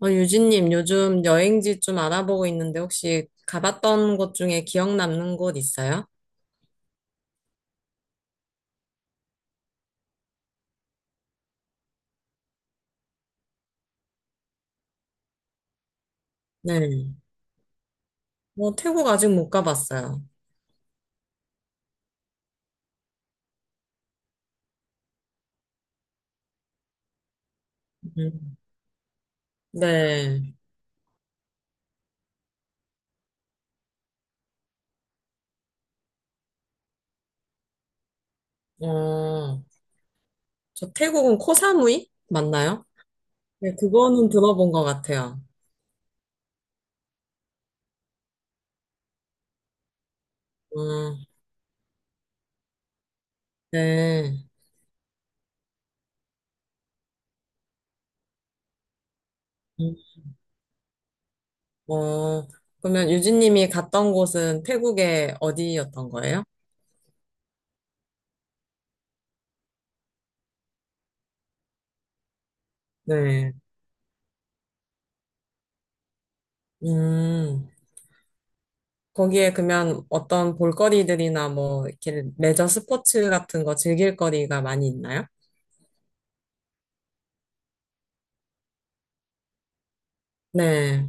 유진님, 요즘 여행지 좀 알아보고 있는데 혹시 가봤던 곳 중에 기억 남는 곳 있어요? 네. 뭐 태국 아직 못 가봤어요. 음. 네. 어, 저 태국은 코사무이 맞나요? 네, 그거는 들어본 것 같아요. 음. 네. 음. 어, 그러면 유진님이 갔던 곳은 태국의 어디였던 거예요? 네. 음. 거기에 그러면 어떤 볼거리들이나 뭐 이렇게 레저 스포츠 같은 거 즐길 거리가 많이 있나요? 네.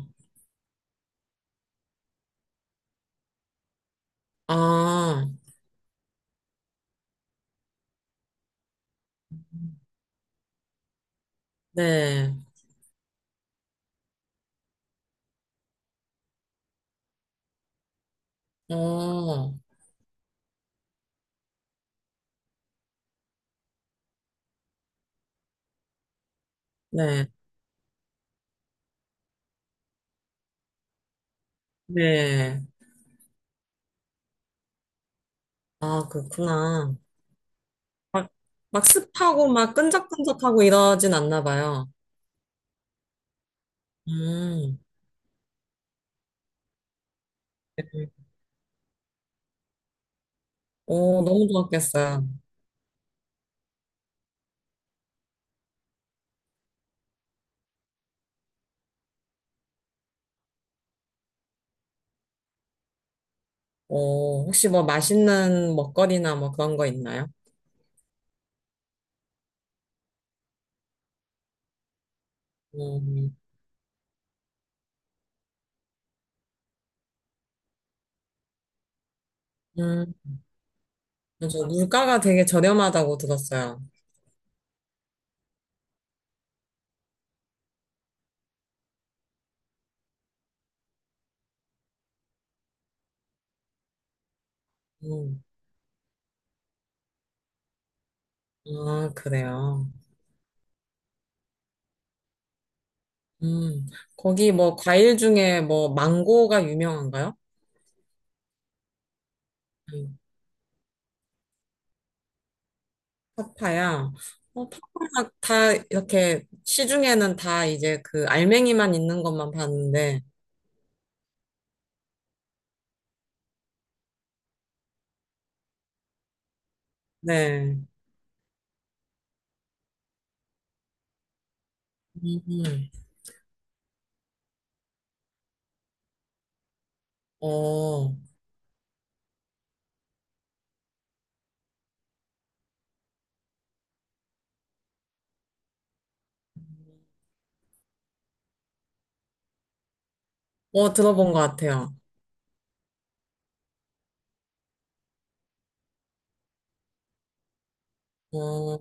아, 네. 어, 네. 네. 아, 그렇구나. 막, 막 습하고 막 끈적끈적하고 이러진 않나 봐요. 음. 오, 너무 좋았겠어요. 오, 혹시 뭐 맛있는 먹거리나 뭐 그런 거 있나요? 음, 음, 저 물가가 되게 저렴하다고 들었어요. 음. 아, 그래요. 음, 거기 뭐 과일 중에 뭐 망고가 유명한가요? 음, 파파야. 파파야 다 이렇게 시중에는 다 이제 그 알맹이만 있는 것만 봤는데, 네. 음, 음. 어, 들어본 것 같아요. 어,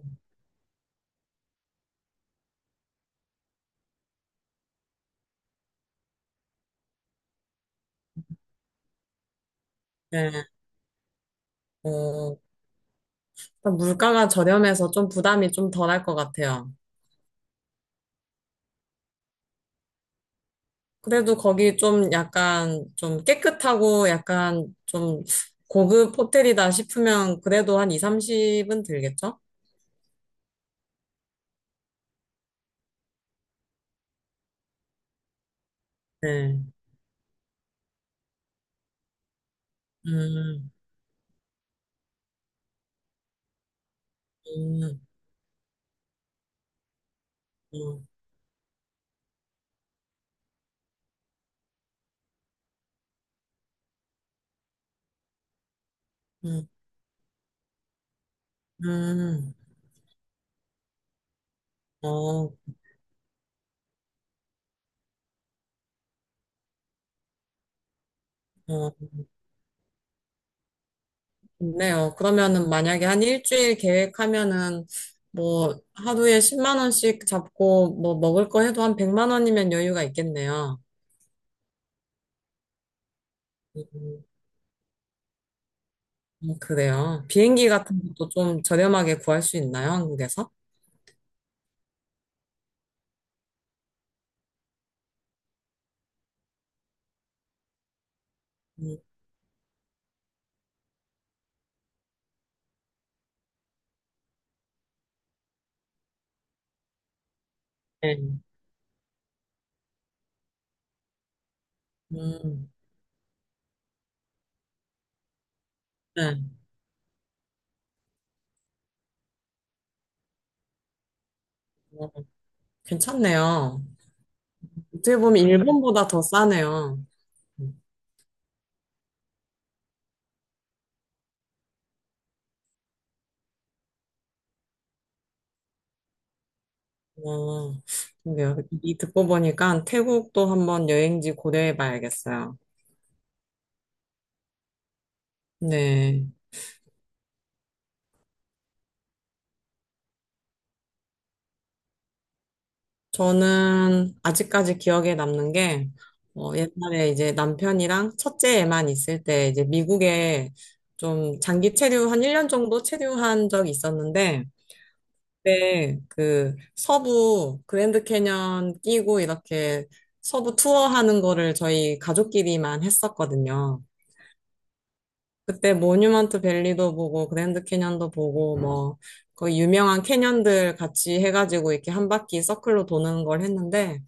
네. 어, 일단 물가가 저렴해서 좀 부담이 좀 덜할 것 같아요. 그래도 거기 좀 약간 좀 깨끗하고 약간 좀 고급 호텔이다 싶으면 그래도 한 2, 30은 들겠죠? 네. 음, 음, 음, 음, 음. 어, 어, 좋네요. 그러면은 만약에 한 일주일 계획하면은 뭐 하루에 10만 원씩 잡고 뭐 먹을 거 해도 한 100만 원이면 여유가 있겠네요. 음, 그래요. 비행기 같은 것도 좀 저렴하게 구할 수 있나요? 한국에서? 음. 네. 음. 네. 어, 괜찮네요. 어떻게 보면 일본보다 더 싸네요. 어, 그러게요. 이 듣고 보니까 태국도 한번 여행지 고려해 봐야겠어요. 네. 저는 아직까지 기억에 남는 게, 옛날에 이제 남편이랑 첫째 애만 있을 때 이제 미국에 좀 장기 체류 한 1년 정도 체류한 적이 있었는데, 그때 그 서부 그랜드 캐년 끼고 이렇게 서부 투어하는 거를 저희 가족끼리만 했었거든요. 그때 모뉴먼트 밸리도 보고 그랜드 캐년도 보고 뭐 그 유명한 캐년들 같이 해가지고 이렇게 한 바퀴 서클로 도는 걸 했는데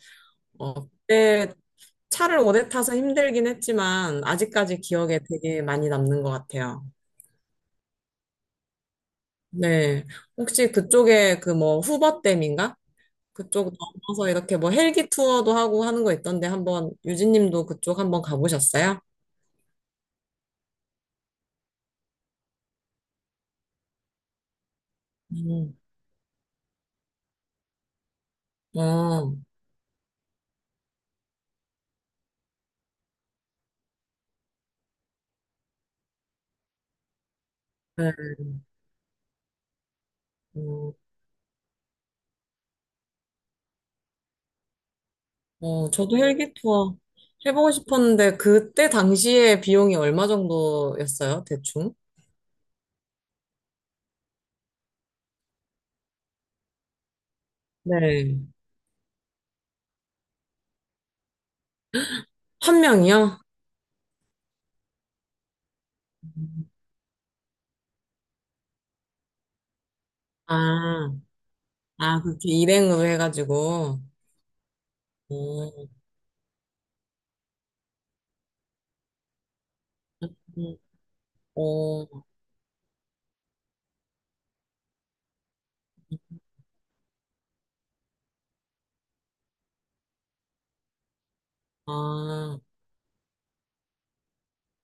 그때 차를 오래 타서 힘들긴 했지만 아직까지 기억에 되게 많이 남는 것 같아요. 네. 혹시 그쪽에 그 뭐 후버댐인가? 그쪽 넘어서 이렇게 뭐 헬기 투어도 하고 하는 거 있던데 한번 유진님도 그쪽 한번 가보셨어요? 음. 어. 네. 음. 저도 헬기 투어 해보고 싶었는데, 그때 당시에 비용이 얼마 정도였어요, 대충? 네. 한 명이요? 아, 그렇게 일행으로 해가지고. 어. 음. 어. 아,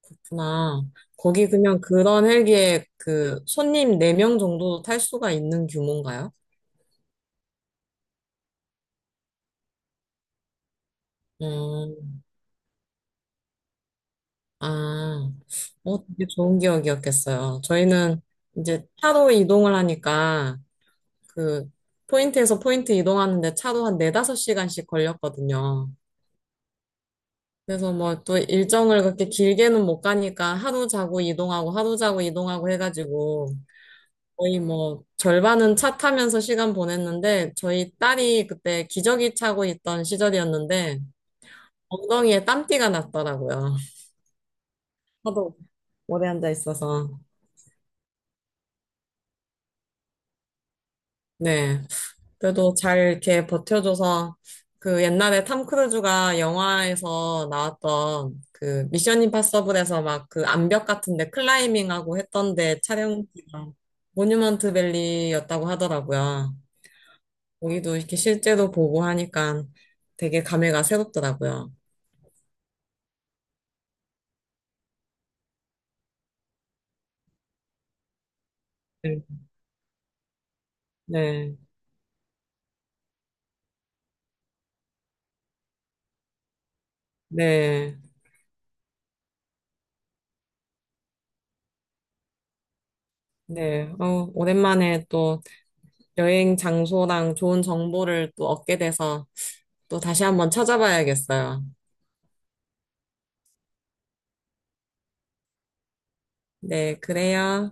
그렇구나. 거기 그냥 그런 헬기에 그 손님 네 명 정도 탈 수가 있는 규모인가요? 음. 아. 되게 좋은 기억이었겠어요. 저희는 이제 차로 이동을 하니까, 그 포인트에서 포인트 이동하는데 차로 한 네다섯 시간씩 걸렸거든요. 그래서 뭐 또 일정을 그렇게 길게는 못 가니까 하루 자고 이동하고 하루 자고 이동하고 해가지고 거의 뭐 절반은 차 타면서 시간 보냈는데 저희 딸이 그때 기저귀 차고 있던 시절이었는데 엉덩이에 땀띠가 났더라고요. 하도 오래 앉아 있어서. 네. 그래도 잘 이렇게 버텨줘서 그 옛날에 탐 크루즈가 영화에서 나왔던 그 미션 임파서블에서 막 그 암벽 같은데 클라이밍하고 했던데 촬영지가 모뉴먼트 밸리였다고 하더라고요. 거기도 이렇게 실제로 보고 하니까 되게 감회가 새롭더라고요. 네, 네, 네. 네. 오랜만에 또 여행 장소랑 좋은 정보를 또 얻게 돼서 또 다시 한번 찾아봐야겠어요. 네, 그래요.